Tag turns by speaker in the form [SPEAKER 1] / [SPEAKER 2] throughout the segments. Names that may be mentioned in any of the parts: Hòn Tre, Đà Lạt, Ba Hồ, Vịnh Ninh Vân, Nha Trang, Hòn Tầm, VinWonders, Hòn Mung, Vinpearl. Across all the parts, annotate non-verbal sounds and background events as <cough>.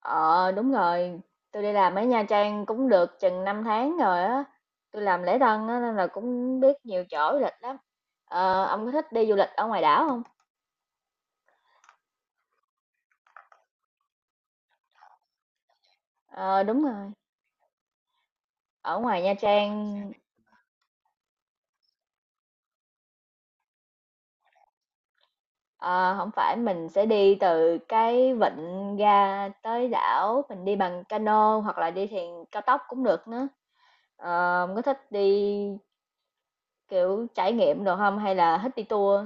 [SPEAKER 1] Ờ, đúng rồi, tôi đi làm ở Nha Trang cũng được chừng 5 tháng rồi á. Tôi làm lễ tân á nên là cũng biết nhiều chỗ du lịch lắm. Ông có thích đi du lịch ở ngoài đảo không? Ờ, đúng rồi. Ở ngoài Nha Trang ờ, không phải mình sẽ đi từ cái vịnh ra tới đảo, mình đi bằng cano hoặc là đi thuyền cao tốc cũng được nữa. Ông có thích đi kiểu trải nghiệm đồ không hay là thích đi tour?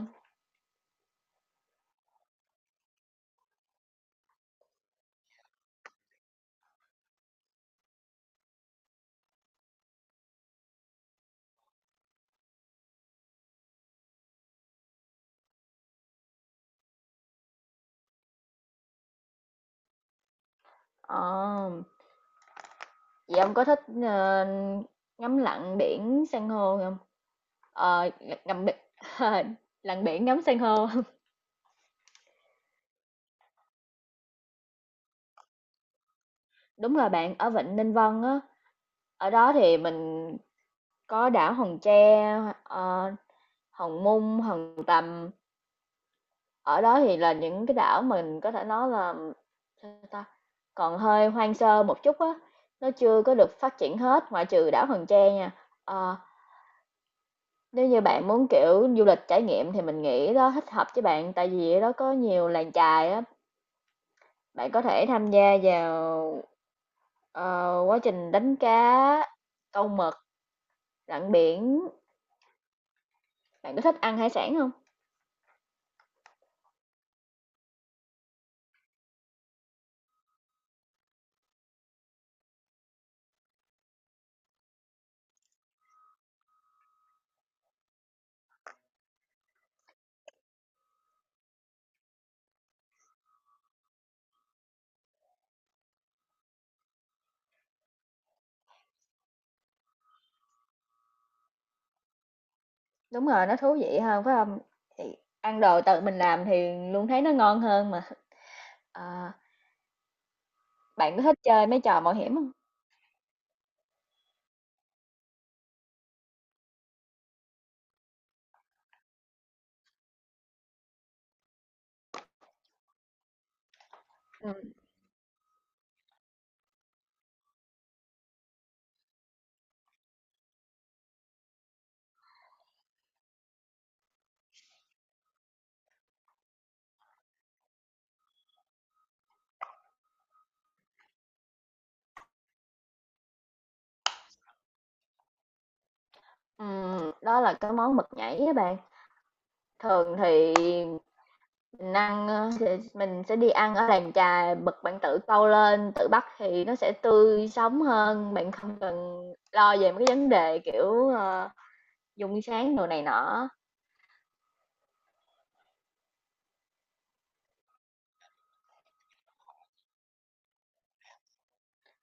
[SPEAKER 1] Ờ. Vậy ông có thích, ngắm lặn biển san hô không? Ờ, ngắm biển <laughs> lặn biển ngắm san hô. <laughs> Đúng rồi bạn, ở Vịnh Ninh Vân á, ở đó thì mình có đảo Hòn Tre, ờ, Hòn Mung, Hòn Tầm. Ở đó thì là những cái đảo mình có thể nói là sao ta, còn hơi hoang sơ một chút á, nó chưa có được phát triển hết ngoại trừ đảo Hòn Tre nha. Ờ. Nếu như bạn muốn, kiểu, du lịch trải nghiệm thì mình nghĩ đó thích hợp với bạn, tại vì ở đó có nhiều làng chài á, bạn có thể tham gia vào, quá trình đánh cá, câu mực, lặn biển. Bạn có thích ăn hải sản không? Đúng rồi, nó thú vị hơn, phải không? Thì ăn đồ tự mình làm thì luôn thấy nó ngon hơn mà. Ờ, bạn có thích chơi mấy trò mạo hiểm không? Ừm, đó là cái món mực nhảy á bạn. Thường thì mình ăn, ơ, sẽ mình sẽ đi ăn ở làng chài, bật bạn tự câu lên, tự bắt thì nó sẽ tươi sống hơn, bạn không cần lo về mấy cái vấn đề, kiểu, dung sáng đồ này nọ.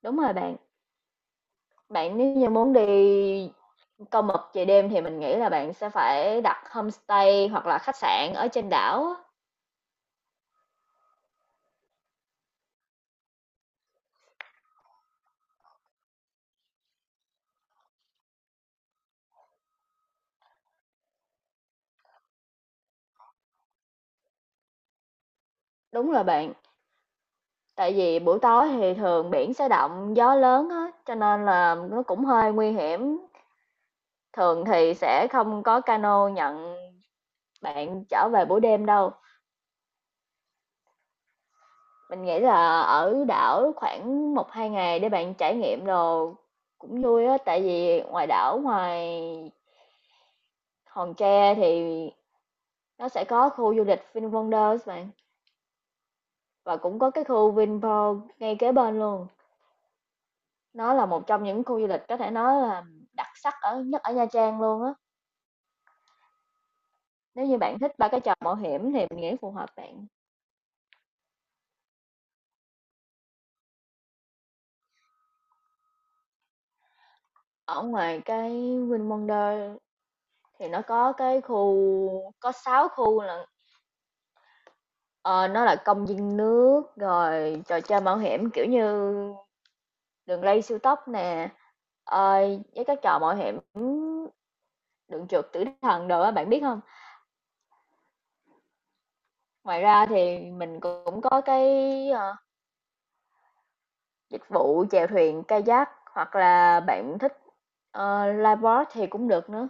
[SPEAKER 1] Đúng rồi bạn, bạn nếu như muốn đi câu mực về đêm thì mình nghĩ là bạn sẽ phải đặt homestay hoặc là khách sạn ở trên đảo á. Đúng rồi bạn, tại vì buổi tối thì thường biển sẽ động, gió lớn á, cho nên là nó cũng hơi nguy hiểm. Thường thì sẽ không có cano nhận bạn trở về buổi đêm đâu, mình nghĩ là ở đảo khoảng một hai ngày để bạn trải nghiệm đồ cũng vui á, tại vì ngoài đảo ngoài Hòn Tre thì nó sẽ có khu du lịch VinWonders bạn và cũng có cái khu Vinpearl ngay kế bên luôn. Nó là một trong những khu du lịch có thể nói là đặc sắc ở nhất ở Nha Trang luôn á. Nếu như bạn thích ba cái trò mạo hiểm thì mình nghĩ phù hợp bạn. Ở ngoài cái VinWonders thì nó có cái khu có 6 khu là Ờ, nó là công viên nước, rồi trò chơi mạo hiểm, kiểu như đường ray siêu tốc nè, ờ, với các trò mạo hiểm đường trượt tử thần đồ á, bạn biết không? Ngoài ra thì mình cũng có cái, ờ, dịch vụ chèo thuyền kayak hoặc là bạn thích, lifeboat thì cũng được nữa.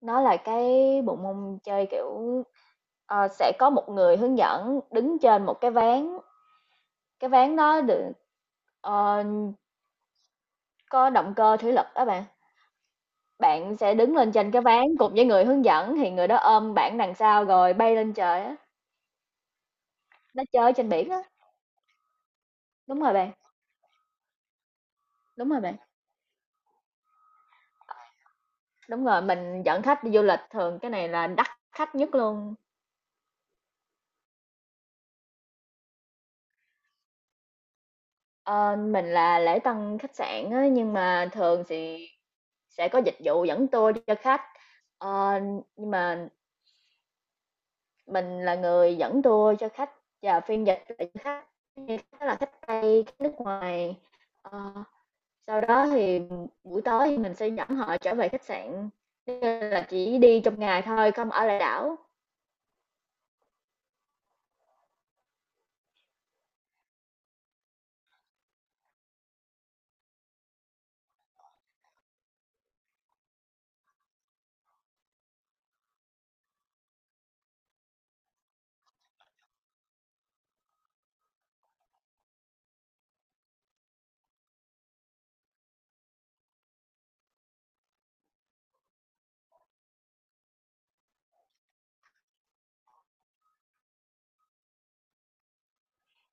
[SPEAKER 1] Nó là cái bộ môn chơi, kiểu, sẽ có một người hướng dẫn đứng trên một cái ván đó được, ờ, có động cơ thủy lực đó bạn. Bạn sẽ đứng lên trên cái ván cùng với người hướng dẫn, thì người đó ôm bạn đằng sau rồi bay lên trời á, nó chơi trên biển á. Đúng rồi bạn, đúng rồi bạn, đúng rồi, mình dẫn khách đi du lịch thường cái này là đắt khách nhất luôn. Ờ, mình là lễ tân khách sạn á, nhưng mà thường thì sẽ có dịch vụ dẫn tour cho khách. Ờ, nhưng mà mình là người dẫn tour cho khách và phiên dịch lại cho khách, thì khách đó là khách Tây, khách nước ngoài. Ờ. Sau đó thì buổi tối thì mình sẽ dẫn họ trở về khách sạn, nên là chỉ đi trong ngày thôi, không ở lại đảo.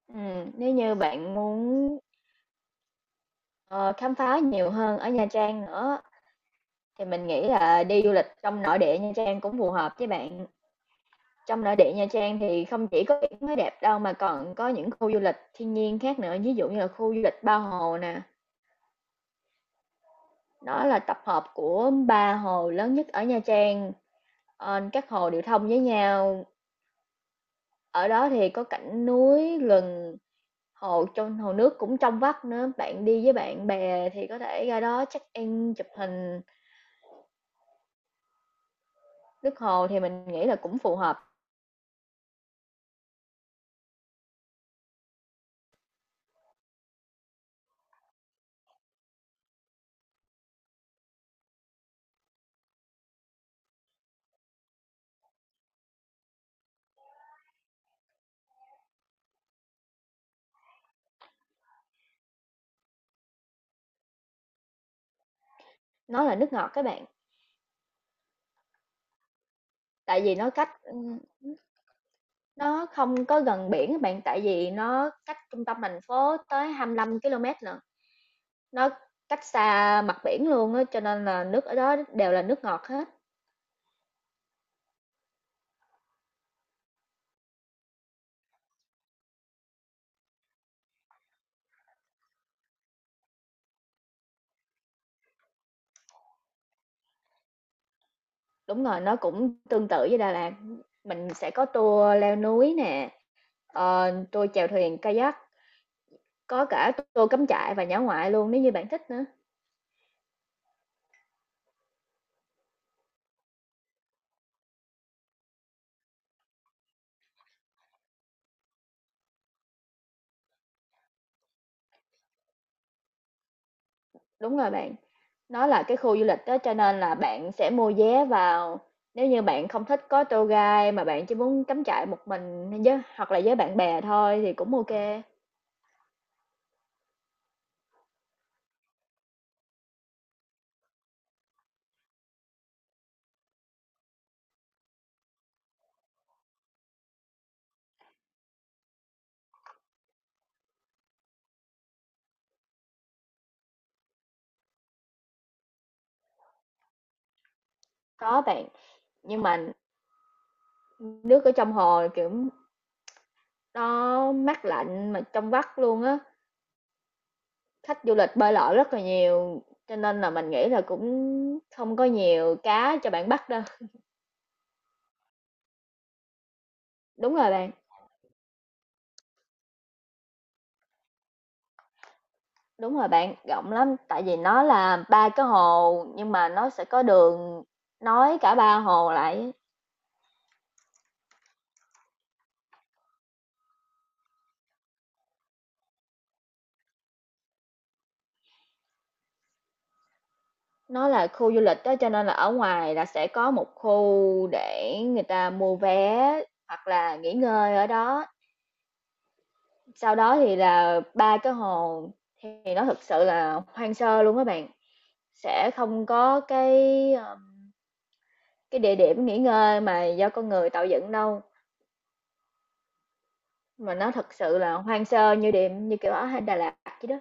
[SPEAKER 1] Nếu như bạn muốn, ờ, khám phá nhiều hơn ở Nha Trang nữa thì mình nghĩ là đi du lịch trong nội địa Nha Trang cũng phù hợp với bạn. Trong nội địa Nha Trang thì không chỉ có biển mới đẹp đâu mà còn có những khu du lịch thiên nhiên khác nữa, ví dụ như là khu du lịch Ba Hồ nè, đó là tập hợp của ba hồ lớn nhất ở Nha Trang. Ờ, các hồ đều thông với nhau. Ở đó thì có cảnh núi, gần hồ trong hồ nước cũng trong vắt nữa, bạn đi với bạn bè thì có thể ra đó check-in, chụp hình. Nước hồ thì mình nghĩ là cũng phù hợp, nó là nước ngọt các bạn, tại vì nó cách, nó không có gần biển các bạn, tại vì nó cách trung tâm thành phố tới 25 ki-lô-mét nữa, nó cách xa mặt biển luôn á, cho nên là nước ở đó đều là nước ngọt hết. Đúng rồi, nó cũng tương tự với Đà Lạt, mình sẽ có tour leo núi nè, tour chèo thuyền kayak. Có cả tour cắm trại và dã ngoại luôn nếu như bạn thích nữa. Đúng rồi bạn, nó là cái khu du lịch đó cho nên là bạn sẽ mua vé vào. Nếu như bạn không thích có tour guide mà bạn chỉ muốn cắm trại một mình hay với hoặc là với bạn bè thôi thì cũng ok. Có bạn, nhưng mà nước ở trong hồ kiểu nó mát lạnh mà trong vắt luôn á. Khách du lịch bơi lội rất là nhiều cho nên là mình nghĩ là cũng không có nhiều cá cho bạn bắt đâu. Đúng rồi bạn. Đúng rồi bạn, rộng lắm, tại vì nó là 3 cái hồ nhưng mà nó sẽ có đường nối cả ba hồ lại. Nó là khu du lịch đó cho nên là ở ngoài là sẽ có một khu để người ta mua vé hoặc là nghỉ ngơi ở đó. Sau đó thì là ba cái hồ thì nó thực sự là hoang sơ luôn các bạn. Sẽ không có cái ờ, cái địa điểm nghỉ ngơi mà do con người tạo dựng đâu, mà nó thực sự là hoang sơ như điểm như kiểu ở Đà Lạt vậy đó.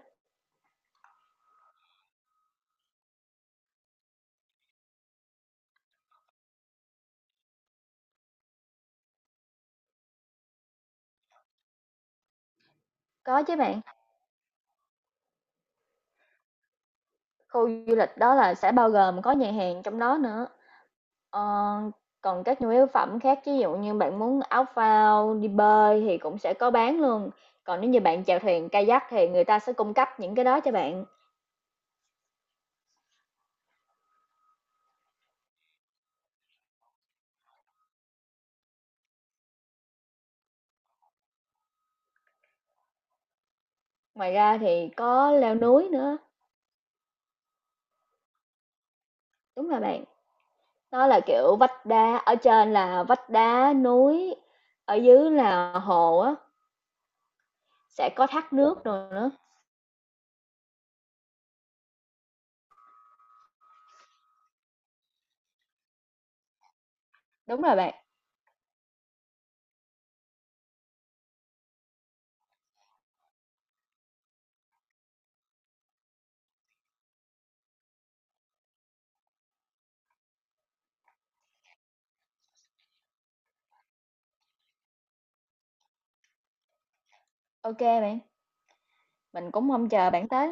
[SPEAKER 1] Có chứ bạn. Khu du lịch đó là sẽ bao gồm có nhà hàng trong đó nữa. Ờ, còn các nhu yếu phẩm khác, ví dụ như bạn muốn áo phao, đi bơi thì cũng sẽ có bán luôn. Còn nếu như bạn chèo thuyền kayak thì người ta sẽ cung cấp những cái đó cho bạn. Ngoài ra thì có leo núi nữa, đúng rồi bạn. Đó là kiểu vách đá, ở trên là vách đá núi, ở dưới là hồ á, sẽ có thác nước rồi nữa. Đúng rồi bạn. Ok bạn, mình cũng mong chờ bạn tới.